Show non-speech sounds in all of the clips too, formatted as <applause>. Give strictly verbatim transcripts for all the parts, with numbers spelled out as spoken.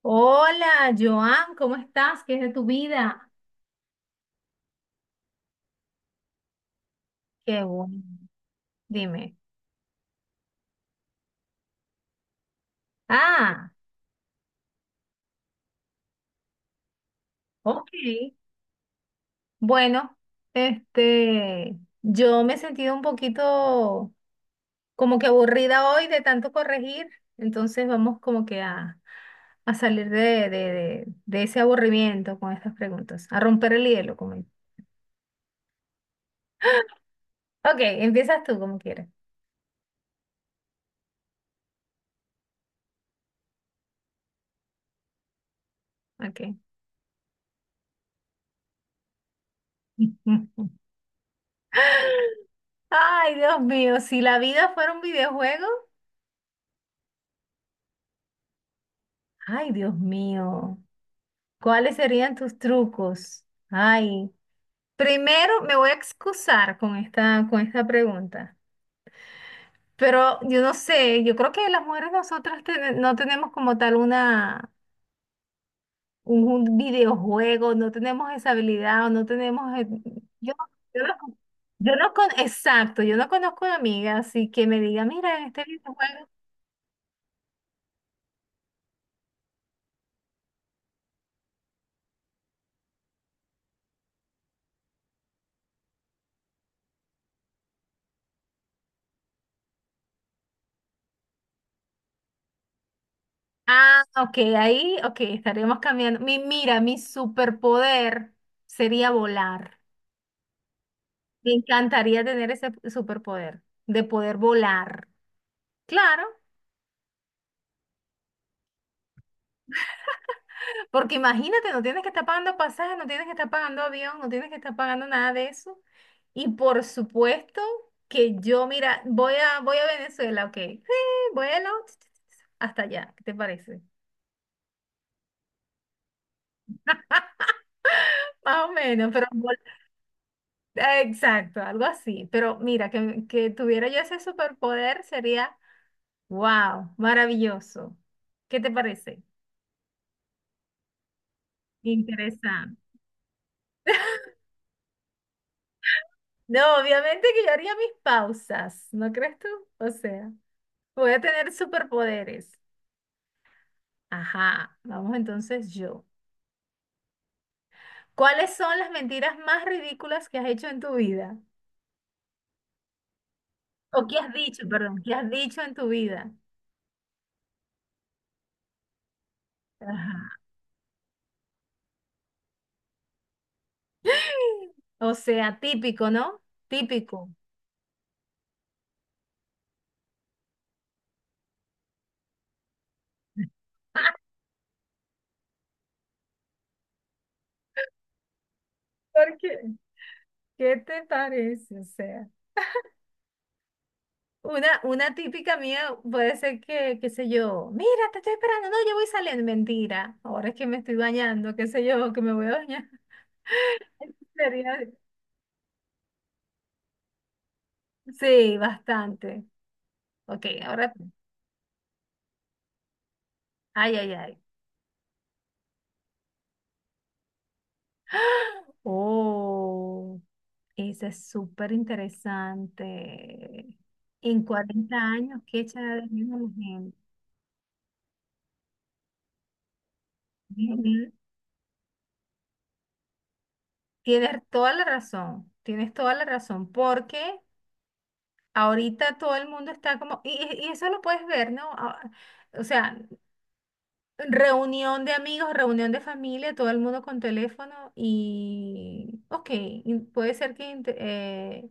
Hola, Joan, ¿cómo estás? ¿Qué es de tu vida? Qué bueno. Dime. Ah, ok. Bueno, este, yo me he sentido un poquito como que aburrida hoy de tanto corregir, entonces vamos como que a, a salir de, de, de, de ese aburrimiento con estas preguntas, a romper el hielo con él. Ok, empiezas tú como quieras. Ok. <laughs> Ay, Dios mío, si la vida fuera un videojuego, ay, Dios mío. ¿Cuáles serían tus trucos? Ay, primero me voy a excusar con esta, con esta pregunta, pero yo no sé, yo creo que las mujeres nosotras ten- no tenemos como tal una, un, un videojuego, no tenemos esa habilidad o no tenemos... eh, Yo, yo no, con- yo no con, Exacto, yo no conozco a amiga así que me diga, mira, en este videojuego... Ah, ok, ahí, ok, estaremos cambiando. Mi, mira, mi superpoder sería volar. Me encantaría tener ese superpoder de poder volar. Claro, porque imagínate, no tienes que estar pagando pasajes, no tienes que estar pagando avión, no tienes que estar pagando nada de eso. Y por supuesto que yo, mira, voy a, voy a Venezuela, ok. Sí, vuelo hasta allá, ¿qué te parece? Más o menos, pero vol- exacto, algo así. Pero mira, que, que tuviera yo ese superpoder sería, wow, maravilloso. ¿Qué te parece? Interesante. No, obviamente que yo haría mis pausas, ¿no crees tú? O sea, voy a tener superpoderes. Ajá, vamos entonces yo. ¿Cuáles son las mentiras más ridículas que has hecho en tu vida? O que has dicho, perdón, que has dicho en tu vida. Ajá. O sea, típico, ¿no? Típico. <laughs> ¿Por qué? ¿Qué te parece? O sea. Una, una típica mía puede ser que, qué sé yo, mira, te estoy esperando, no, yo voy saliendo, mentira, ahora es que me estoy bañando, qué sé yo, que me voy a bañar. <laughs> Sería- Sí, bastante. Ok, ahora, tú. Ay, ay, ay. <gasps> ¡Ah! Oh, ese es súper interesante. En cuarenta años, ¿qué echará de menos la gente? Ujú. Tienes toda la razón, tienes toda la razón, porque ahorita todo el mundo está como, y, y- y eso lo puedes ver, ¿no? Ah, o sea, reunión de amigos, reunión de familia, todo el mundo con teléfono y, ok, y puede ser que, inte- eh,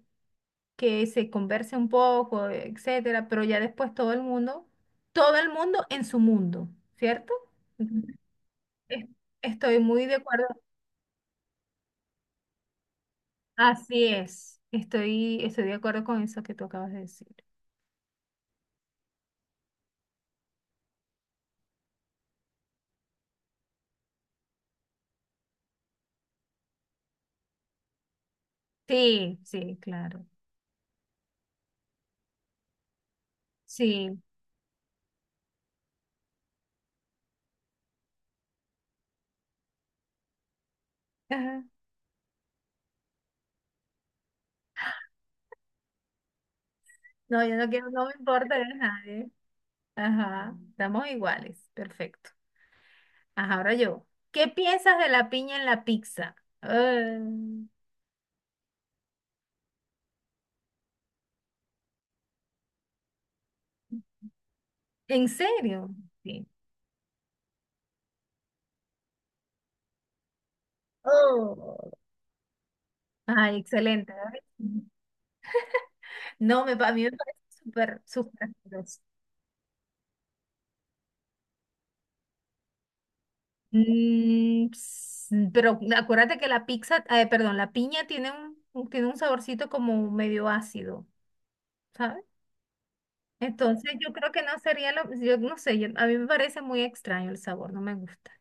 que se converse un poco, etcétera, pero ya después todo el mundo, todo el mundo en su mundo, ¿cierto? Ujú. Es- Estoy muy de acuerdo. Así es, estoy, estoy de acuerdo con eso que tú acabas de decir. Sí, sí, claro. Sí. <laughs> No, yo no quiero, no me importa <laughs> de nadie. Ajá, estamos iguales. Perfecto. Ajá, ahora yo. ¿Qué piensas de la piña en la pizza? Eh, ¿En serio? Sí. Oh. Ay, excelente. ¿Ves? No, me, pa- a mí me parece súper, súper asqueroso. Mm, ps- pero acuérdate que la pizza, eh, perdón, la piña tiene un, un- tiene un saborcito como medio ácido, ¿sabes? Entonces yo creo que no sería lo, yo no sé, yo- a mí me parece muy extraño el sabor, no me gusta.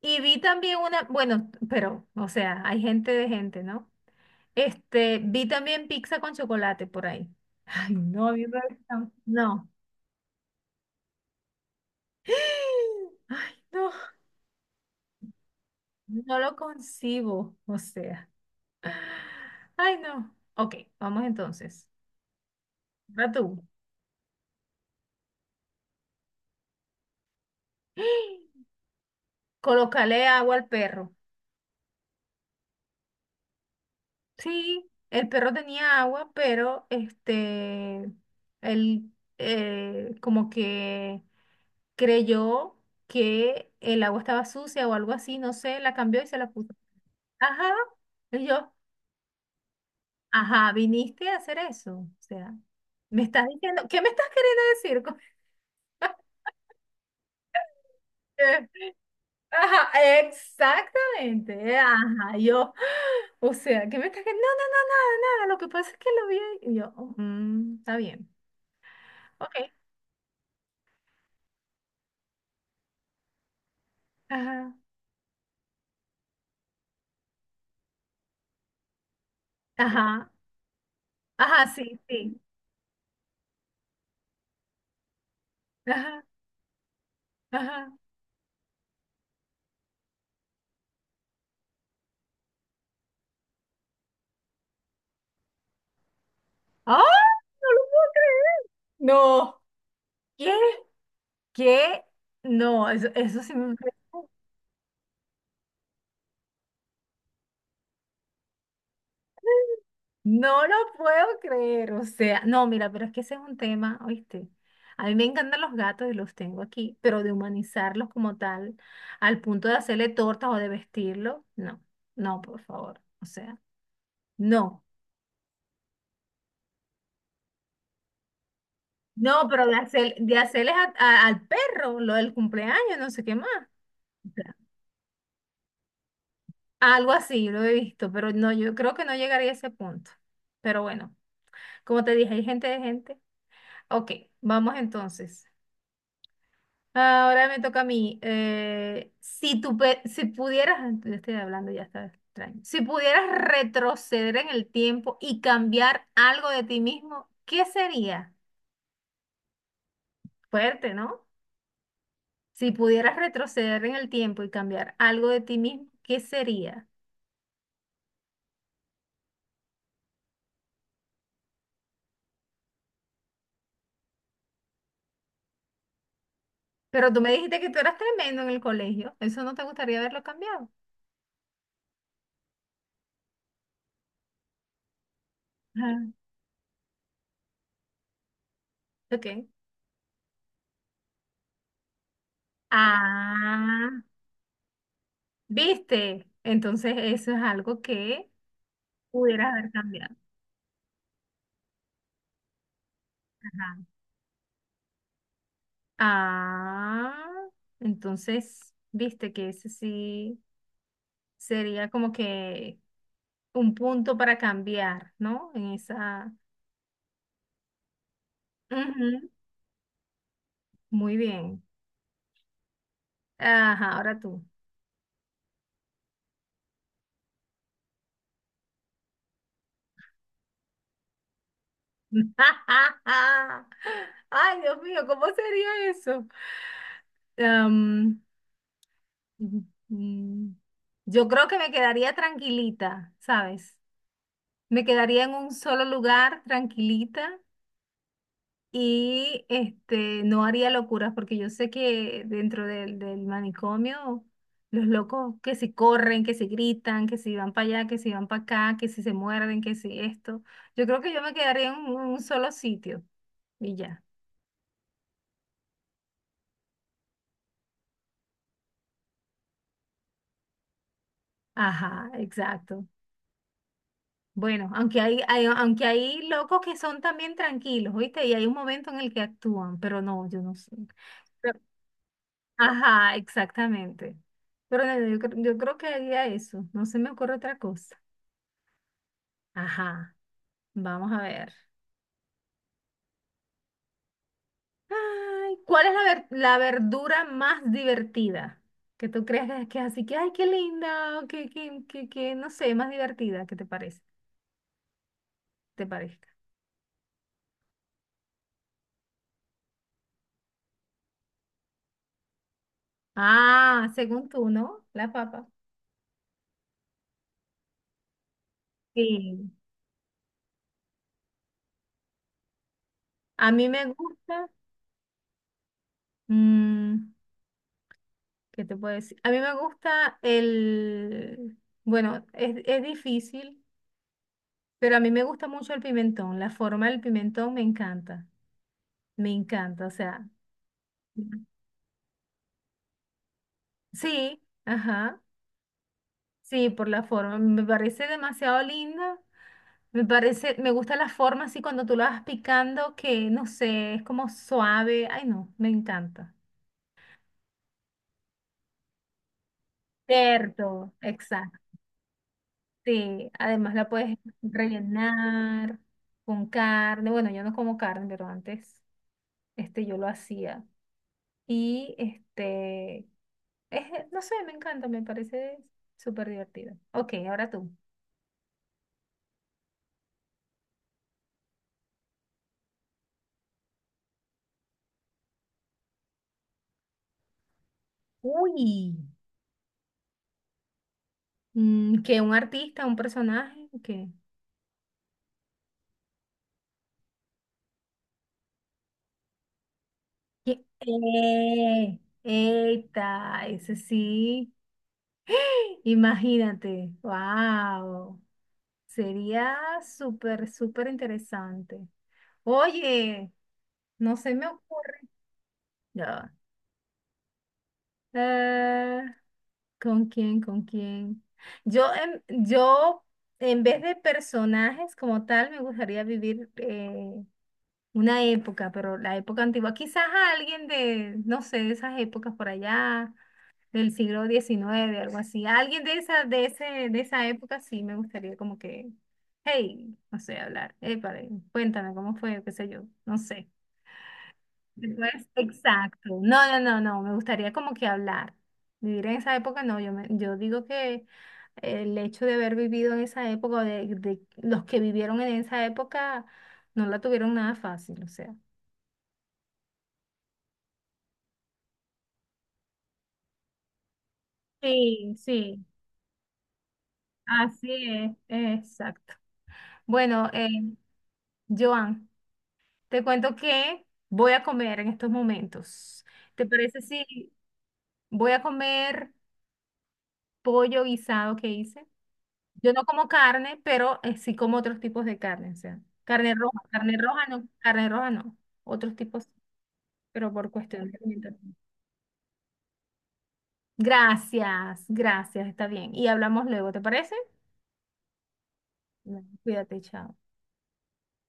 Y vi también una, bueno, pero, o sea, hay gente de gente, ¿no? Este, vi también pizza con chocolate por ahí. <laughs> Ay, no, a mí me gusta- no. <gasps> Ay, no, no lo concibo, o sea. <gasps> Ay, no. Ok, vamos entonces. Va tú. <gasps> Colócale agua al perro. Sí, el perro tenía agua, pero este, él eh, como que creyó que el agua estaba sucia o algo así, no sé, la cambió y se la puso. Ajá, y yo, ajá, viniste a hacer eso. O sea, me estás diciendo, ¿qué me estás queriendo decir? con- <laughs> Eh, Ajá, exactamente, ajá, yo, o sea, ¿qué me estás queriendo? No, no, no, nada, nada, lo que pasa es que lo vi y yo, "Oh, mm, está bien, ok, ajá. Ajá, ajá, sí, sí. Ajá, ajá. ¡Ah! No, ¿qué? ¿Qué? No, eso, eso sí me... No lo puedo creer, o sea, no, mira, pero es que ese es un tema, ¿oíste? A mí me encantan los gatos y los tengo aquí, pero de humanizarlos como tal, al punto de hacerle tortas o de vestirlo, no, no, por favor, o sea, no, no, pero de hacer, de hacerles a- a- al perro lo del cumpleaños, no sé qué más. Algo así, lo he visto, pero no, yo creo que no llegaría a ese punto. Pero bueno, como te dije, hay gente de gente. Ok, vamos entonces. Ahora me toca a mí. Eh, si tú, pe- si pudieras, ah, yo estoy hablando, ya está extraño. Si pudieras retroceder en el tiempo y cambiar algo de ti mismo, ¿qué sería? Fuerte, ¿no? Si pudieras retroceder en el tiempo y cambiar algo de ti mismo, ¿qué sería? Pero tú me dijiste que tú eras tremendo en el colegio. Eso no te gustaría verlo cambiado. Ok. Ah, ¿viste? Entonces eso es algo que pudieras haber cambiado. Ajá. Ah, entonces, ¿viste que ese sí sería como que un punto para cambiar, no? En esa... Ujú, muy bien. Ajá, ahora tú. <laughs> Ay, Dios mío, ¿cómo sería eso? Mm, Yo creo que me quedaría tranquilita, ¿sabes? Me quedaría en un solo lugar tranquilita y este, no haría locuras porque yo sé que dentro del, del manicomio los locos que si corren, que si gritan, que si van para allá, que si van para acá, que si se muerden, que si esto. Yo creo que yo me quedaría en un un solo sitio y ya. Ajá, exacto. Bueno, aunque hay, hay- aunque hay locos que son también tranquilos, ¿viste? Y hay un momento en el que actúan, pero no, yo no sé. Pero- Ajá, exactamente. Pero no, yo, cre- yo creo que haría eso, no se me ocurre otra cosa. Ajá, vamos a ver. Ay, ¿cuál es la, ver- la verdura más divertida? Que tú creas que es que es así, que, ay, qué linda, o que, que, que, que, no sé, más divertida, ¿qué te parece? ¿Te parezca? Ah, según tú, ¿no? La papa. Sí. A mí me gusta. Mm, ¿Qué te puedo decir? A mí me gusta el, bueno, es, es difícil, pero a mí me gusta mucho el pimentón. La forma del pimentón me encanta, me encanta. O sea, sí, ajá, sí, por la forma. Me parece demasiado linda. Me parece, me gusta la forma así cuando tú la vas picando, que no sé, es como suave. Ay, no, me encanta. Cierto, exacto. Sí, además la puedes rellenar con carne. Bueno, yo no como carne, pero antes este, yo lo hacía. Y este, es, no sé, me encanta, me parece súper divertido. Ok, ahora tú. Uy. Mm, que un artista, un personaje, que... Que ¡Eh! ¡Eita! Ese sí. <gasps> <laughs> Imagínate. ¡Wow! Sería súper, súper interesante. Oye, no se me ocurre. Ya. Eh, ¿Con quién? ¿Con quién? Yo en, yo, en vez de personajes como tal, me gustaría vivir eh, una época, pero la época antigua. Quizás a alguien de, no sé, de esas épocas por allá, del siglo diecinueve algo así. Alguien de esa, de ese, de esa época sí me gustaría como que, hey, no sé, hablar. Eh, cuéntame cómo fue, qué sé yo, no sé. Después, exacto. No, no, no, no. Me gustaría como que hablar. Vivir en esa época, no. Yo, me- yo digo que el hecho de haber vivido en esa época, o de, de los que vivieron en esa época, no la tuvieron nada fácil, o sea. Sí, sí, así es, exacto. Bueno, eh, Joan, te cuento que voy a comer en estos momentos. ¿Te parece si voy a comer pollo guisado que hice? Yo no como carne, pero eh, sí como otros tipos de carne, o sea, carne roja, carne roja no, carne roja no, otros tipos, pero por cuestión de alimentación. Gracias, gracias, está bien. Y hablamos luego, ¿te parece? Bueno, cuídate, chao.